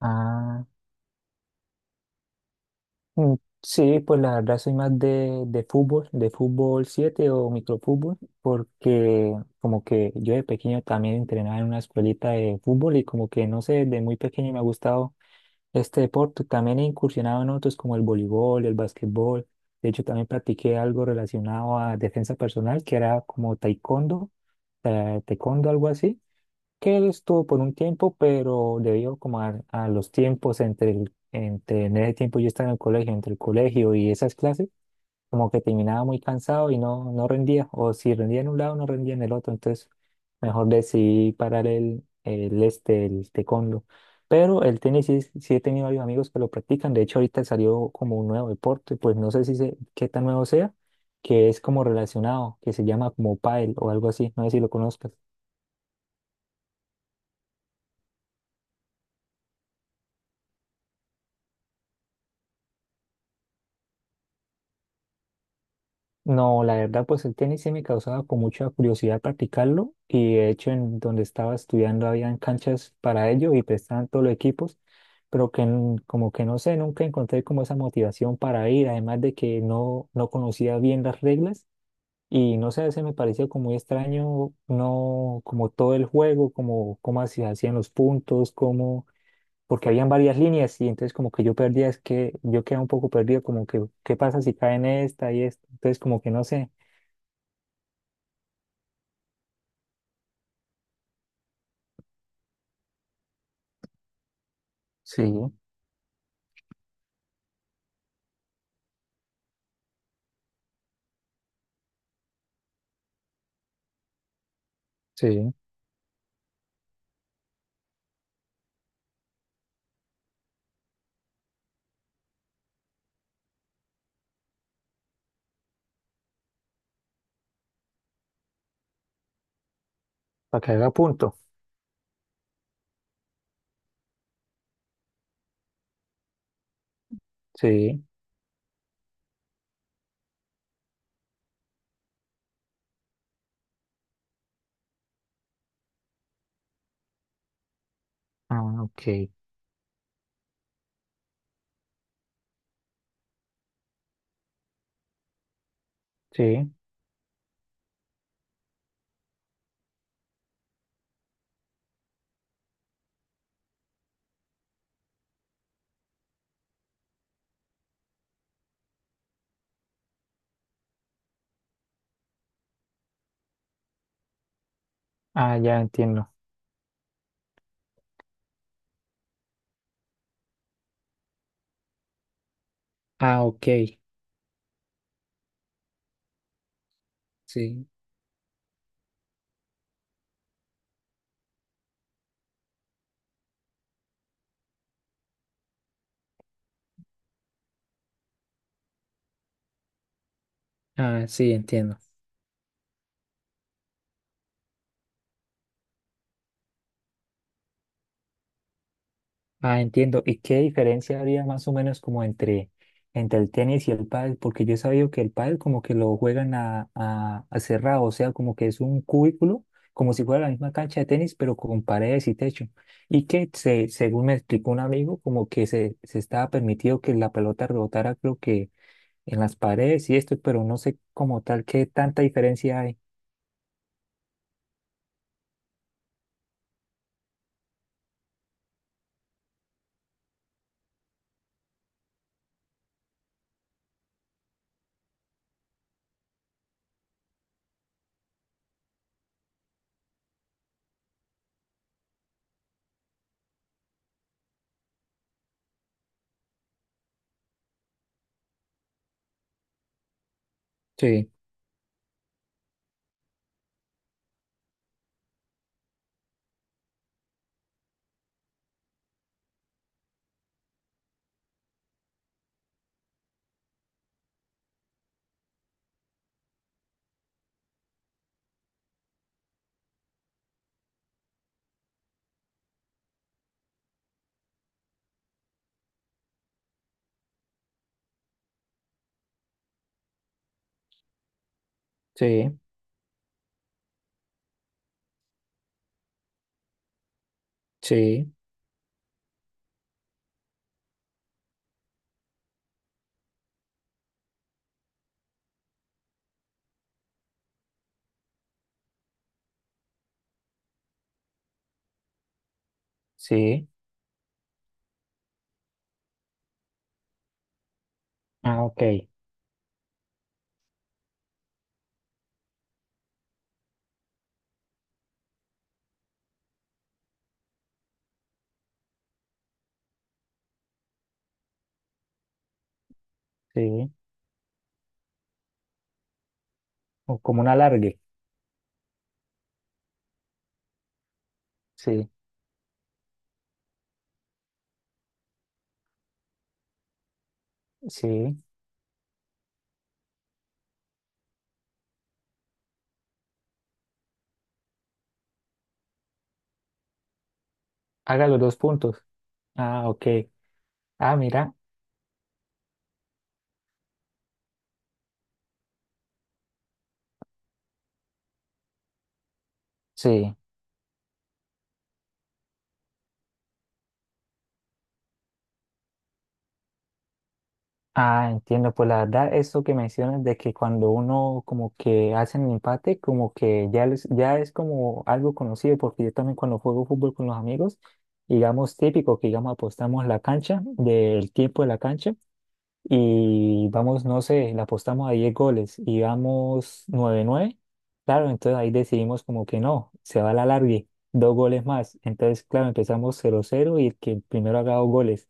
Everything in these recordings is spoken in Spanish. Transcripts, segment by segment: Ah, mm, sí, pues la verdad soy más de fútbol, de fútbol 7 o microfútbol, porque como que yo de pequeño también entrenaba en una escuelita de fútbol y como que no sé, desde muy pequeño me ha gustado este deporte. También he incursionado en otros como el voleibol, el básquetbol. De hecho, también practiqué algo relacionado a defensa personal, que era como taekwondo, taekwondo, algo así. Que él estuvo por un tiempo, pero debido como a los tiempos entre en ese tiempo yo estaba en el colegio, entre el colegio y esas clases, como que terminaba muy cansado y no, no rendía, o si rendía en un lado, no rendía en el otro, entonces mejor decidí parar el taekwondo. Pero el tenis sí, sí he tenido varios amigos que lo practican, de hecho ahorita salió como un nuevo deporte, pues no sé si sé qué tan nuevo sea, que es como relacionado, que se llama como pádel o algo así, no sé si lo conozcas. No, la verdad, pues el tenis sí me causaba con mucha curiosidad practicarlo y de hecho en donde estaba estudiando habían canchas para ello y prestaban todos los equipos, pero que n- como que no sé, nunca encontré como esa motivación para ir, además de que no, no conocía bien las reglas y no sé, se me pareció como muy extraño, no como todo el juego, como cómo se hacían los puntos, como porque habían varias líneas y entonces como que yo perdía, es que yo quedaba un poco perdido, como que qué pasa si cae en esta y esta, entonces como que no sé. Sí, sí, para que haga punto. Sí. Ah, ok. Sí. Ah, ya entiendo. Ah, ok. Sí. Ah, sí, entiendo. Ah, entiendo. ¿Y qué diferencia habría más o menos como entre, entre el tenis y el pádel? Porque yo he sabido que el pádel como que lo juegan a cerrado, o sea, como que es un cubículo, como si fuera la misma cancha de tenis, pero con paredes y techo. Y que se, según me explicó un amigo, como que se estaba permitido que la pelota rebotara, creo que en las paredes y esto, pero no sé como tal qué tanta diferencia hay. Sí, sí, sí, sí. Ah, ok, sí. O como un alargue. Sí, sí. Haga los dos puntos. Ah, ok. Ah, mira, sí. Ah, entiendo. Pues la verdad, eso que mencionas de que cuando uno como que hace el empate, como que ya, les- ya es como algo conocido, porque yo también cuando juego fútbol con los amigos, digamos típico que digamos apostamos la cancha, del tiempo de la cancha. Y vamos, no sé, le apostamos a 10 goles y vamos 9-9, claro, entonces ahí decidimos como que no, se va a la larga, dos goles más. Entonces, claro, empezamos 0-0 y el que primero haga dos goles.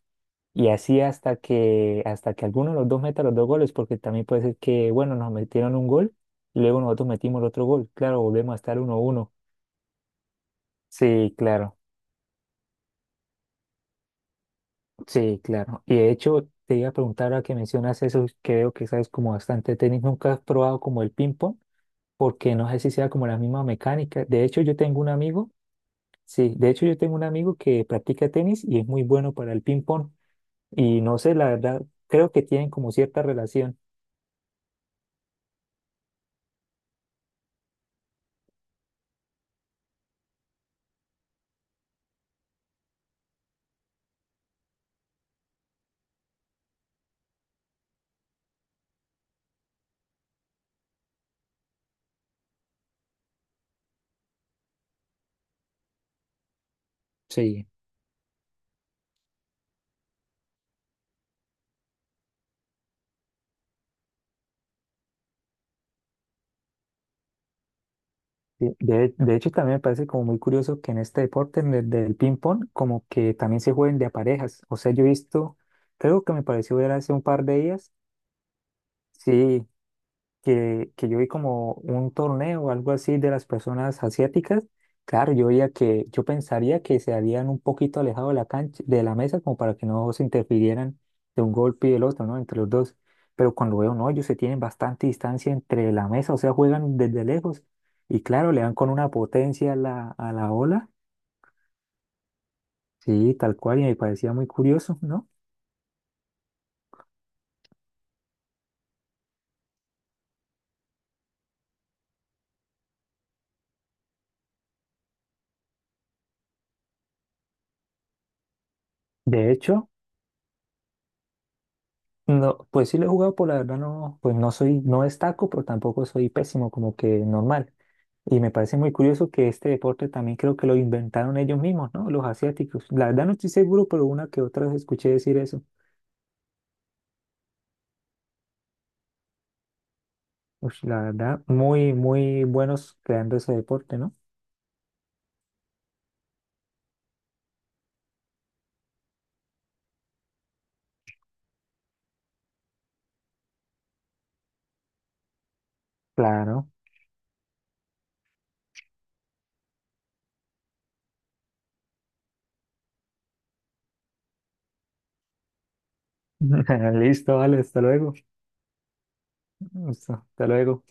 Y así hasta que alguno de los dos meta los dos goles, porque también puede ser que, bueno, nos metieron un gol y luego nosotros metimos el otro gol. Claro, volvemos a estar 1-1. Sí, claro, sí, claro. Y de hecho, te iba a preguntar ahora que mencionas eso, que veo que sabes como bastante tenis, ¿nunca has probado como el ping-pong? Porque no sé si sea como la misma mecánica. De hecho, yo tengo un amigo, sí, de hecho yo tengo un amigo que practica tenis y es muy bueno para el ping pong. Y no sé, la verdad, creo que tienen como cierta relación. Sí. De hecho, también me parece como muy curioso que en este deporte en el del ping pong, como que también se jueguen de a parejas. O sea, yo he visto, creo que me pareció ver hace un par de días, sí, que yo vi como un torneo o algo así de las personas asiáticas, claro, yo veía que, yo pensaría que se habían un poquito alejado de la cancha, de la mesa, como para que no se interfirieran de un golpe y el otro, ¿no? Entre los dos. Pero cuando veo, no, ellos se tienen bastante distancia entre la mesa, o sea, juegan desde lejos. Y claro, le dan con una potencia a la ola. Sí, tal cual, y me parecía muy curioso, ¿no? De hecho, no, pues sí lo he jugado, por la verdad no, pues no soy, no destaco, pero tampoco soy pésimo, como que normal. Y me parece muy curioso que este deporte también creo que lo inventaron ellos mismos, ¿no? Los asiáticos. La verdad no estoy seguro, pero una que otra vez escuché decir eso. Ush, la verdad, muy, muy buenos creando ese deporte, ¿no? Claro. Listo, vale, hasta luego. Listo, hasta luego.